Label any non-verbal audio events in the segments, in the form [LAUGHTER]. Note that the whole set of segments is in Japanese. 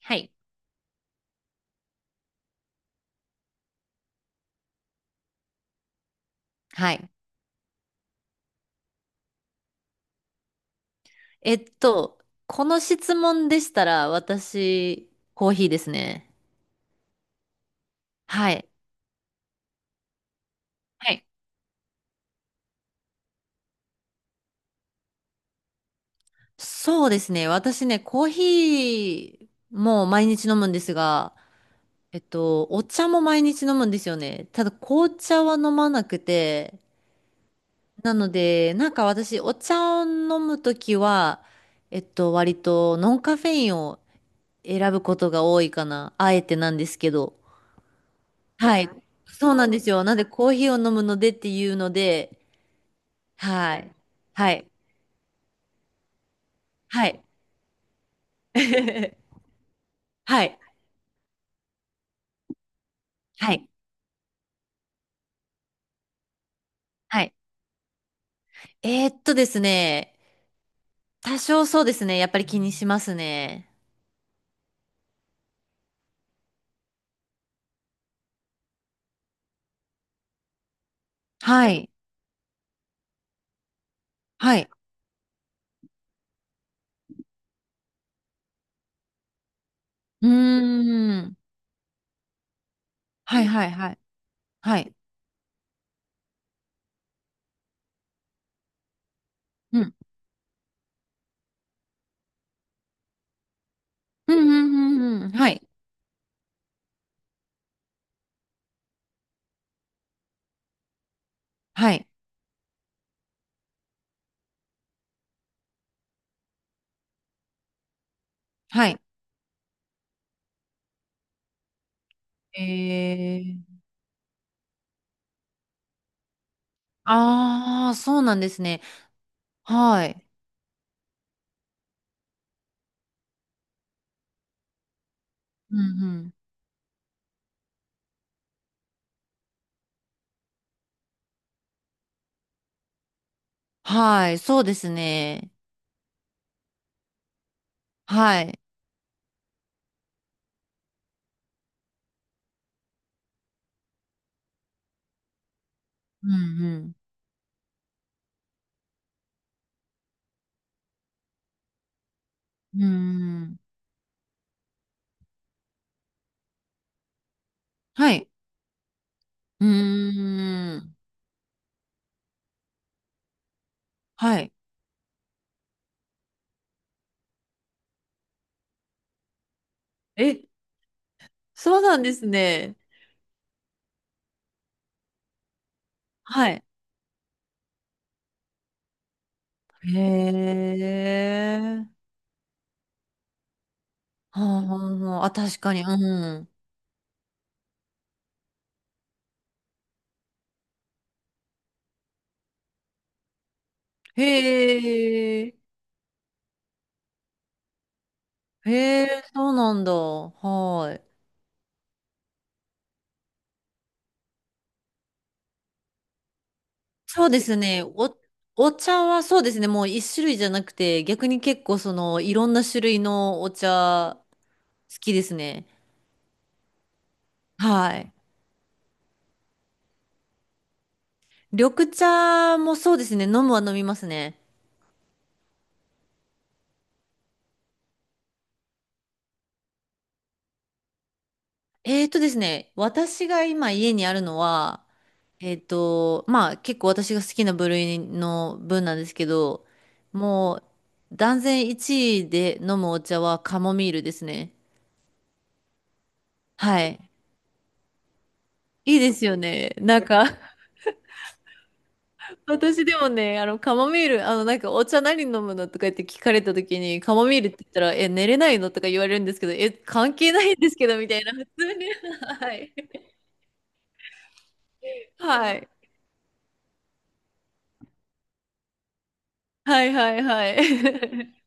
はい。はい。えっと、この質問でしたら、私、コーヒーですね。はい。はい。そうですね。私ね、コーヒーも毎日飲むんですが、お茶も毎日飲むんですよね。ただ、紅茶は飲まなくて、なので、なんか私、お茶を飲むときは、割とノンカフェインを選ぶことが多いかな。あえてなんですけど。はい。そうなんですよ。なんでコーヒーを飲むのでっていうので、はい。はい。はい。[LAUGHS] はい。はい。はい。ですね。多少そうですね。やっぱり気にしますね。はい。はい。うーん。はいはいはい。はい。うん。うんうんうんうん。はい。はい。はい。えー。ああ、そうなんですね。はい。うんうん。はい。そうですね。はい。うんうん。うーん。はい。うーん。はい。え、そうなんですね。はい。へえ。はあ、はあ、はあ、あ確かに。うん。へえ。へえ、そうなんだ。はい。そうですね。お、お茶はそうですね。もう一種類じゃなくて、逆に結構その、いろんな種類のお茶、好きですね。はい。緑茶もそうですね。飲むは飲みますね。えーとですね、私が今家にあるのは、えーと、まあ結構私が好きな部類の分なんですけど、もう断然1位で飲むお茶はカモミールですね。はい。いいですよね。なんか [LAUGHS] 私でもね、あの、カモミール、あの、なんか、お茶何飲むのとか言って聞かれた時に、カモミールって言ったら、え、寝れないのとか言われるんですけど、え、関係ないんですけど、みたいな、普通に。[LAUGHS] はい。はい。はいはいはい。[LAUGHS]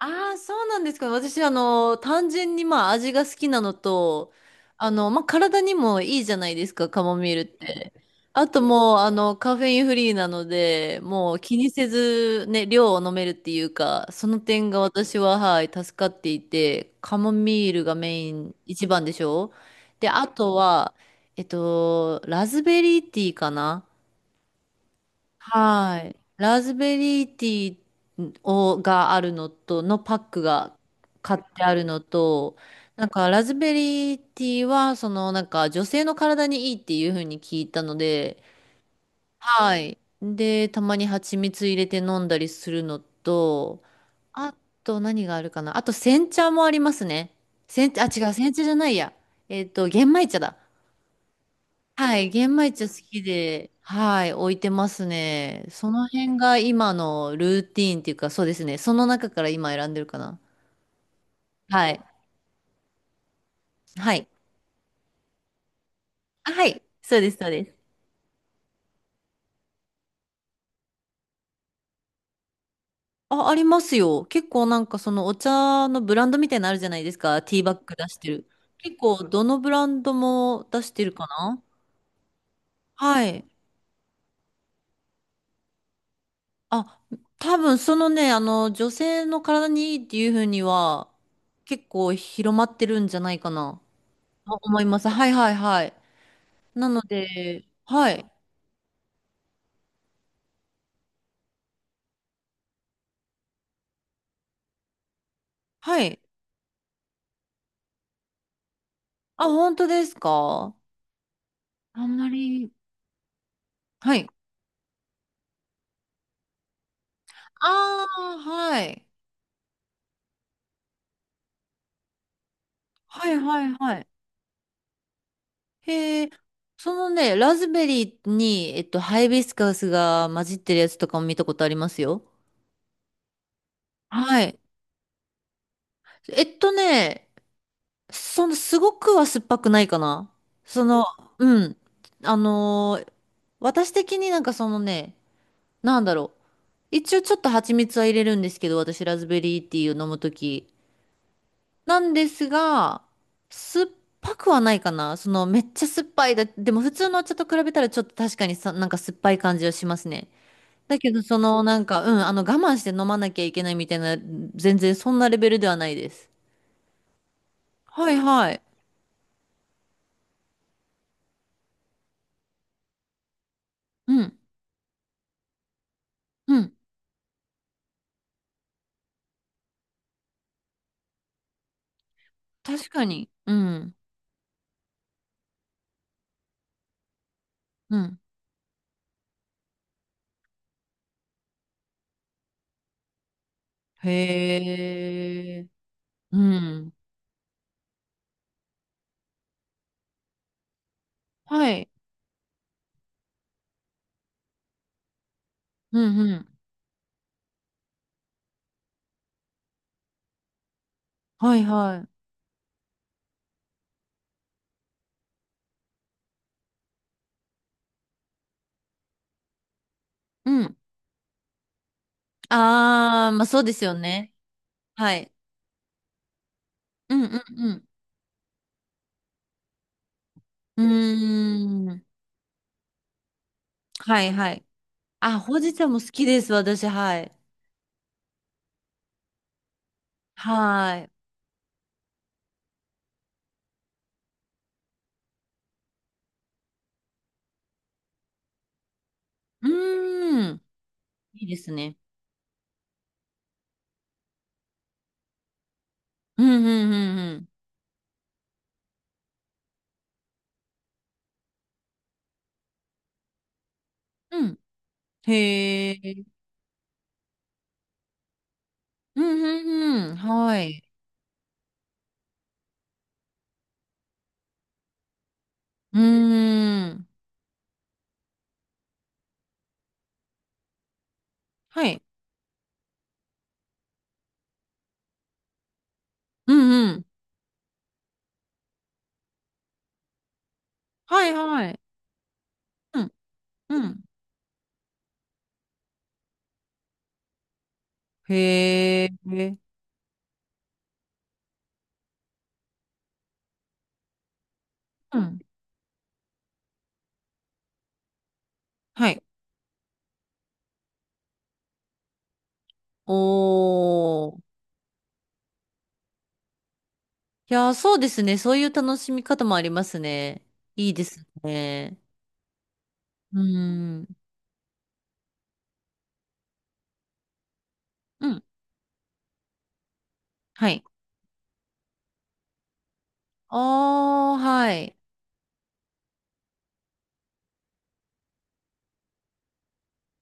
ああ、そうなんですか。私、あの、単純にまあ味が好きなのと、あの、まあ体にもいいじゃないですか、カモミールって。あともう、あの、カフェインフリーなので、もう気にせずね、量を飲めるっていうか、その点が私は、はい、助かっていて、カモミールがメイン一番でしょで、あとは、ラズベリーティーかなはい。ラズベリーティーをがあるのと、のパックが買ってあるのと、なんかラズベリーティーは、そのなんか女性の体にいいっていう風に聞いたので、はい。で、たまに蜂蜜入れて飲んだりするのと、あと何があるかな。あと煎茶もありますね。煎茶、あ、違う、煎茶じゃないや。玄米茶だ。はい、玄米茶好きで、はい、置いてますね。その辺が今のルーティーンっていうか、そうですね。その中から今選んでるかな。はい。はい。あはい。そうです、そうです。あ、ありますよ。結構なんかそのお茶のブランドみたいなのあるじゃないですか。ティーバッグ出してる。結構どのブランドも出してるかな。はい。あ、多分そのね、あの、女性の体にいいっていうふうには、結構広まってるんじゃないかな。と思います。はいはいはい。なので、はい。はい。あ、本当ですかあんまり。はい。ああ、はい。はいはいはい。へえ、そのね、ラズベリーに、ハイビスカスが混じってるやつとかも見たことありますよ。はい。えっとね、その、すごくは酸っぱくないかな。その、うん。あのー私的になんかそのね、なんだろう。一応ちょっと蜂蜜は入れるんですけど、私ラズベリーティーを飲むとき。なんですが、酸っぱくはないかな。そのめっちゃ酸っぱいだ。でも普通のお茶と比べたらちょっと確かにさ、なんか酸っぱい感じはしますね。だけどそのなんか、うん、あの我慢して飲まなきゃいけないみたいな、全然そんなレベルではないです。はいはい。うん、うん。確かに。うん、うん。へえ。うん。はい。うん、うん。はいはい。うん。あー、まあそうですよね。はい。うん、うん、うん。うーん。はいはい。あ、ほうじ茶も好きです、私、はい。はい。うーん。いいですね。うん、うん、うんうん、うん。へえ。うん、うん、うん。はい。うーん。はい。うん、うん。はい、はい。うん、うん。へえ。うん。はい。おー。いやー、そうですね。そういう楽しみ方もありますね。いいですね。うーん。うん。はい。あー、はい。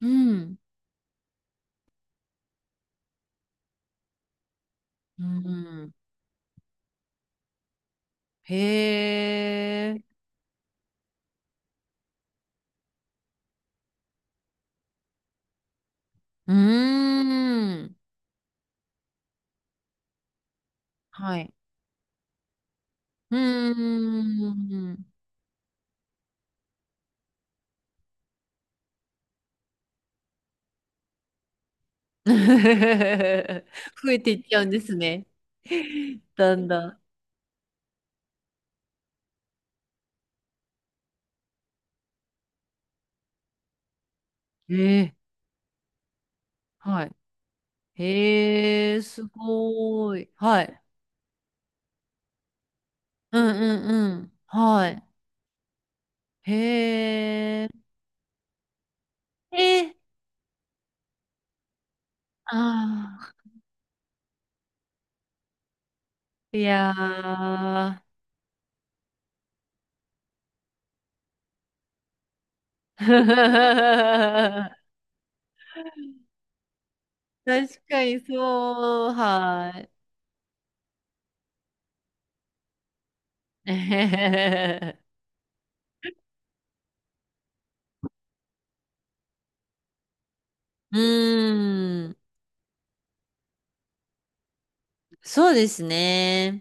うん。うん。へえ。うーん。はい。うーん。[LAUGHS] 増えていっちゃうんですね。[LAUGHS] だんだん。ええ。はい。へえ、すごーい。はい。うんうんうん。はい。へえ。ええ。ああ。いやー。[LAUGHS] 確かにそう。はい。[LAUGHS] うーん。そうですね。